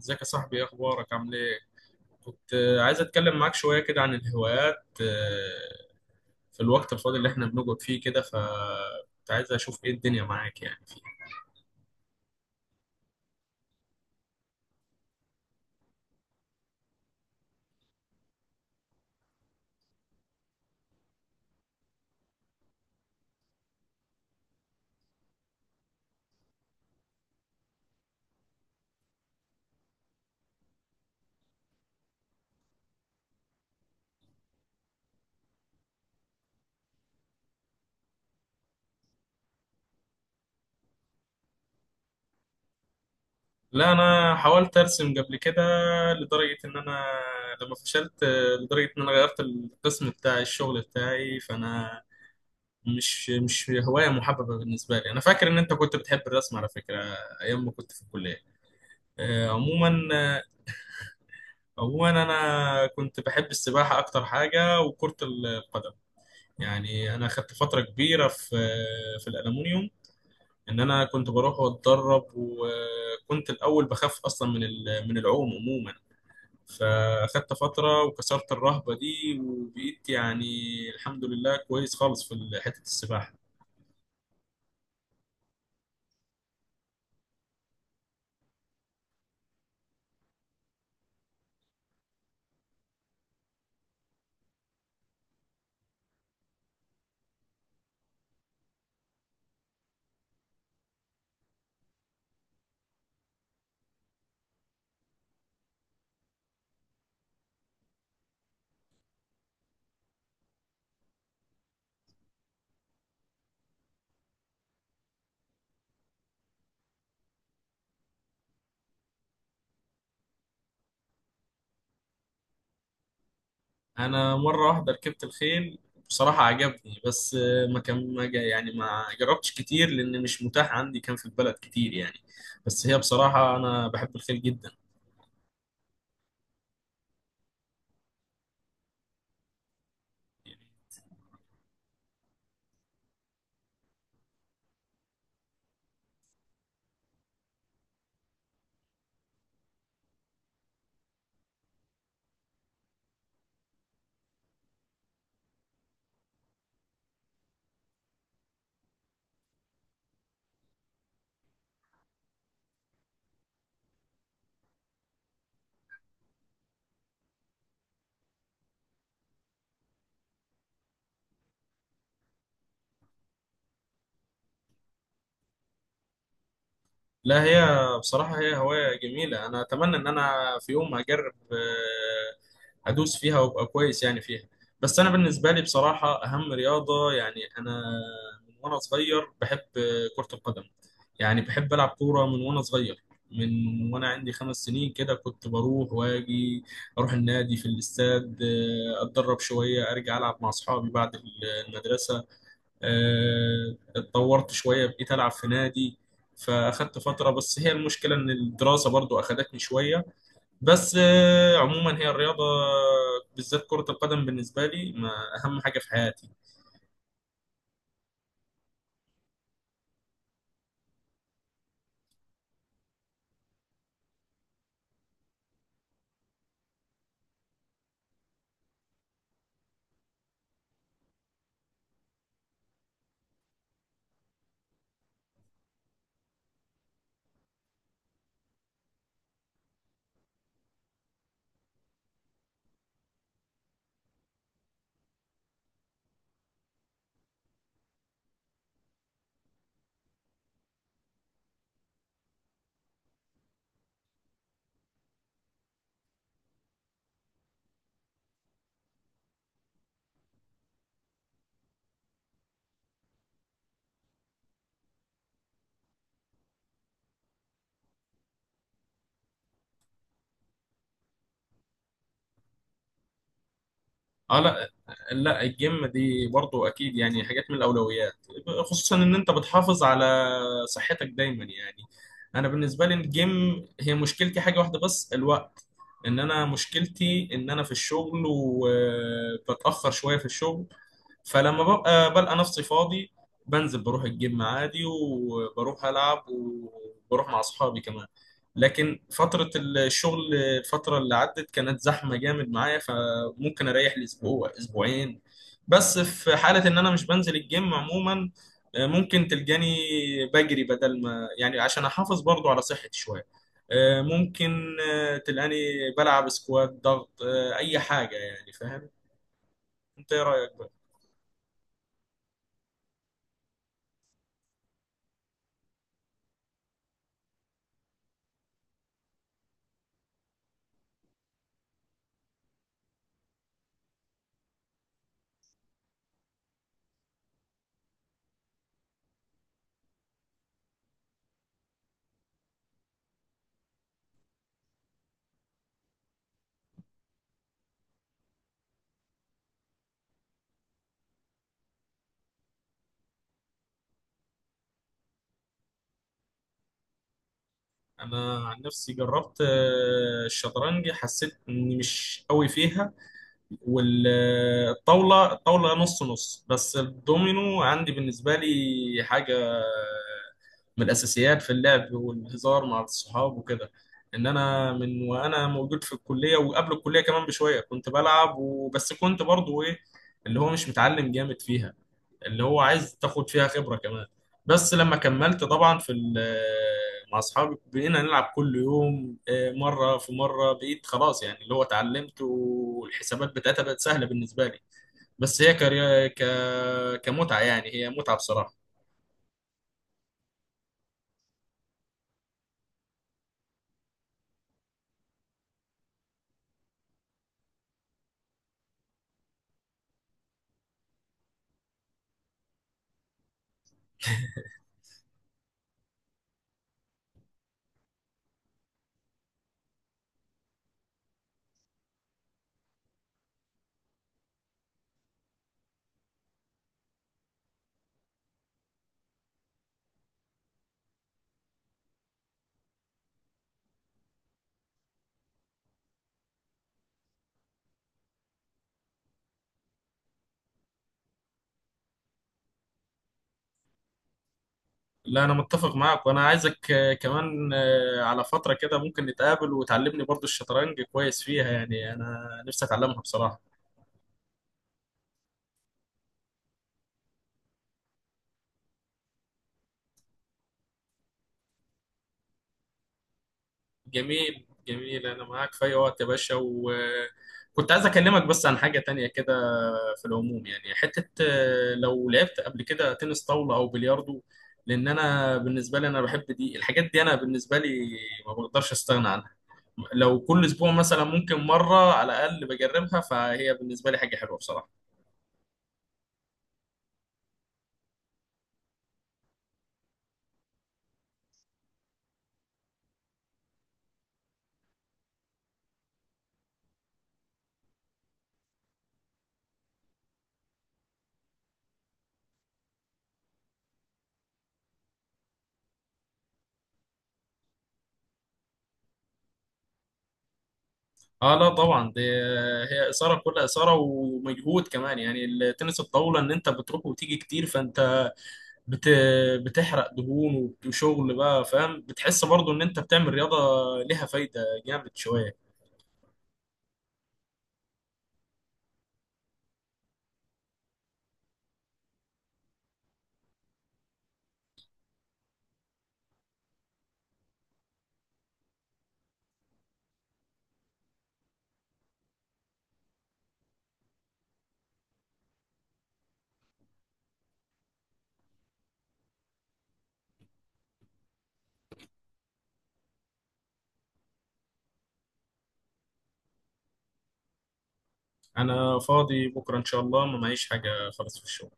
ازيك يا صاحبي؟ ايه اخبارك؟ عامل ايه؟ كنت عايز اتكلم معاك شويه كده عن الهوايات في الوقت الفاضي اللي احنا بنقعد فيه كده كنت عايز اشوف ايه الدنيا معاك يعني. لا، انا حاولت ارسم قبل كده لدرجه ان انا لما فشلت، لدرجه ان انا غيرت القسم بتاع الشغل بتاعي، فانا مش هوايه محببه بالنسبه لي. انا فاكر ان انت كنت بتحب الرسم على فكره ايام ما كنت في الكليه. عموما، عموما انا كنت بحب السباحه اكتر حاجه، وكره القدم. يعني انا خدت فتره كبيره في الالومنيوم، ان انا كنت بروح واتدرب، وكنت الاول بخاف اصلا من من العوم عموما، فاخدت فتره وكسرت الرهبه دي، وبقيت يعني الحمد لله كويس خالص في حته السباحه. انا مره واحده ركبت الخيل، بصراحه عجبني، بس ما كان ما جا يعني ما جربتش كتير، لان مش متاح عندي، كان في البلد كتير يعني. بس هي بصراحه انا بحب الخيل جدا. لا، هي بصراحه هي هوايه جميله، انا اتمنى ان انا في يوم اجرب ادوس فيها وابقى كويس يعني فيها. بس انا بالنسبه لي بصراحه اهم رياضه، يعني انا من وانا صغير بحب كره القدم. يعني بحب العب كوره من وانا صغير، من وانا عندي 5 سنين كده كنت بروح واجي اروح النادي في الاستاد، اتدرب شويه ارجع العب مع اصحابي بعد المدرسه. اتطورت شويه بقيت العب في نادي، فاخدت فتره، بس هي المشكله ان الدراسه برضو اخدتني شويه. بس عموما هي الرياضة، بالذات كرة القدم بالنسبة لي، ما أهم حاجة في حياتي. اه، لا. لا، الجيم دي برضو أكيد يعني حاجات من الأولويات، خصوصا إن أنت بتحافظ على صحتك دايما يعني. أنا بالنسبة لي الجيم هي مشكلتي حاجة واحدة بس، الوقت، إن أنا مشكلتي إن أنا في الشغل وبتأخر شوية في الشغل. فلما ببقى بلقى نفسي فاضي بنزل بروح الجيم عادي، وبروح ألعب وبروح مع أصحابي كمان. لكن فترة الشغل، الفترة اللي عدت كانت زحمة جامد معايا، فممكن أريح لأسبوع أسبوعين. بس في حالة إن أنا مش بنزل الجيم عموما، ممكن تلجاني بجري بدل ما يعني عشان أحافظ برضو على صحتي شوية. ممكن تلقاني بلعب سكوات ضغط، أي حاجة، يعني فاهم. أنت إيه رأيك؟ انا عن نفسي جربت الشطرنج، حسيت اني مش قوي فيها. والطاوله، الطاوله نص نص، بس الدومينو عندي بالنسبه لي حاجه من الاساسيات في اللعب والهزار مع الصحاب وكده. ان انا من وانا موجود في الكليه، وقبل الكليه كمان بشويه كنت بلعب، وبس كنت برضو ايه، اللي هو مش متعلم جامد فيها، اللي هو عايز تاخد فيها خبرة كمان. بس لما كملت طبعا مع اصحابي بقينا نلعب كل يوم، مرة في مرة بقيت خلاص، يعني اللي هو اتعلمت والحسابات بتاعتها بقت سهلة بالنسبة لي. بس هي كمتعة، يعني هي متعة بصراحة. لا، انا متفق معاك، وانا عايزك كمان على فترة كده ممكن نتقابل وتعلمني برضو الشطرنج كويس فيها، يعني انا نفسي اتعلمها بصراحة. جميل جميل، انا معاك في اي وقت يا باشا، وكنت عايز اكلمك بس عن حاجه تانية كده في العموم، يعني حته لو لعبت قبل كده تنس طاوله او بلياردو. لان انا بالنسبه لي انا بحب دي الحاجات دي، انا بالنسبه لي ما بقدرش استغنى عنها. لو كل اسبوع مثلا ممكن مره على الاقل بجربها، فهي بالنسبه لي حاجه حلوه بصراحه. اه لا طبعا، دي هي اثاره، كلها اثاره ومجهود كمان، يعني التنس الطاوله ان انت بتروح وتيجي كتير، فانت بت... بتحرق دهون، وشغل بقى فاهم، بتحس برضو ان انت بتعمل رياضة ليها فايدة، جامد شوية. انا فاضي بكرة ان شاء الله، ما معيش حاجة خالص في الشغل.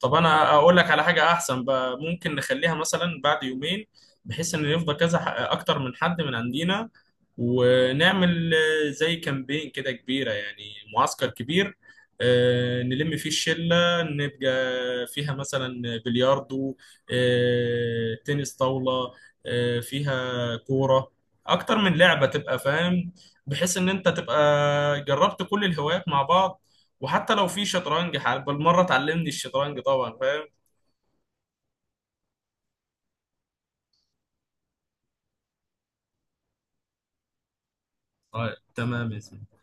طب، انا اقول لك على حاجه احسن بقى، ممكن نخليها مثلا بعد يومين، بحيث ان يفضى كذا اكتر من حد من عندنا، ونعمل زي كامبين كده كبيره، يعني معسكر كبير، نلم فيه الشله، نبقى فيها مثلا بلياردو، تنس طاوله، فيها كوره، اكتر من لعبه، تبقى فاهم بحيث ان انت تبقى جربت كل الهوايات مع بعض، وحتى لو في شطرنج حال بالمره تعلمني الشطرنج طبعا فاهم. طيب، تمام يا زميلي.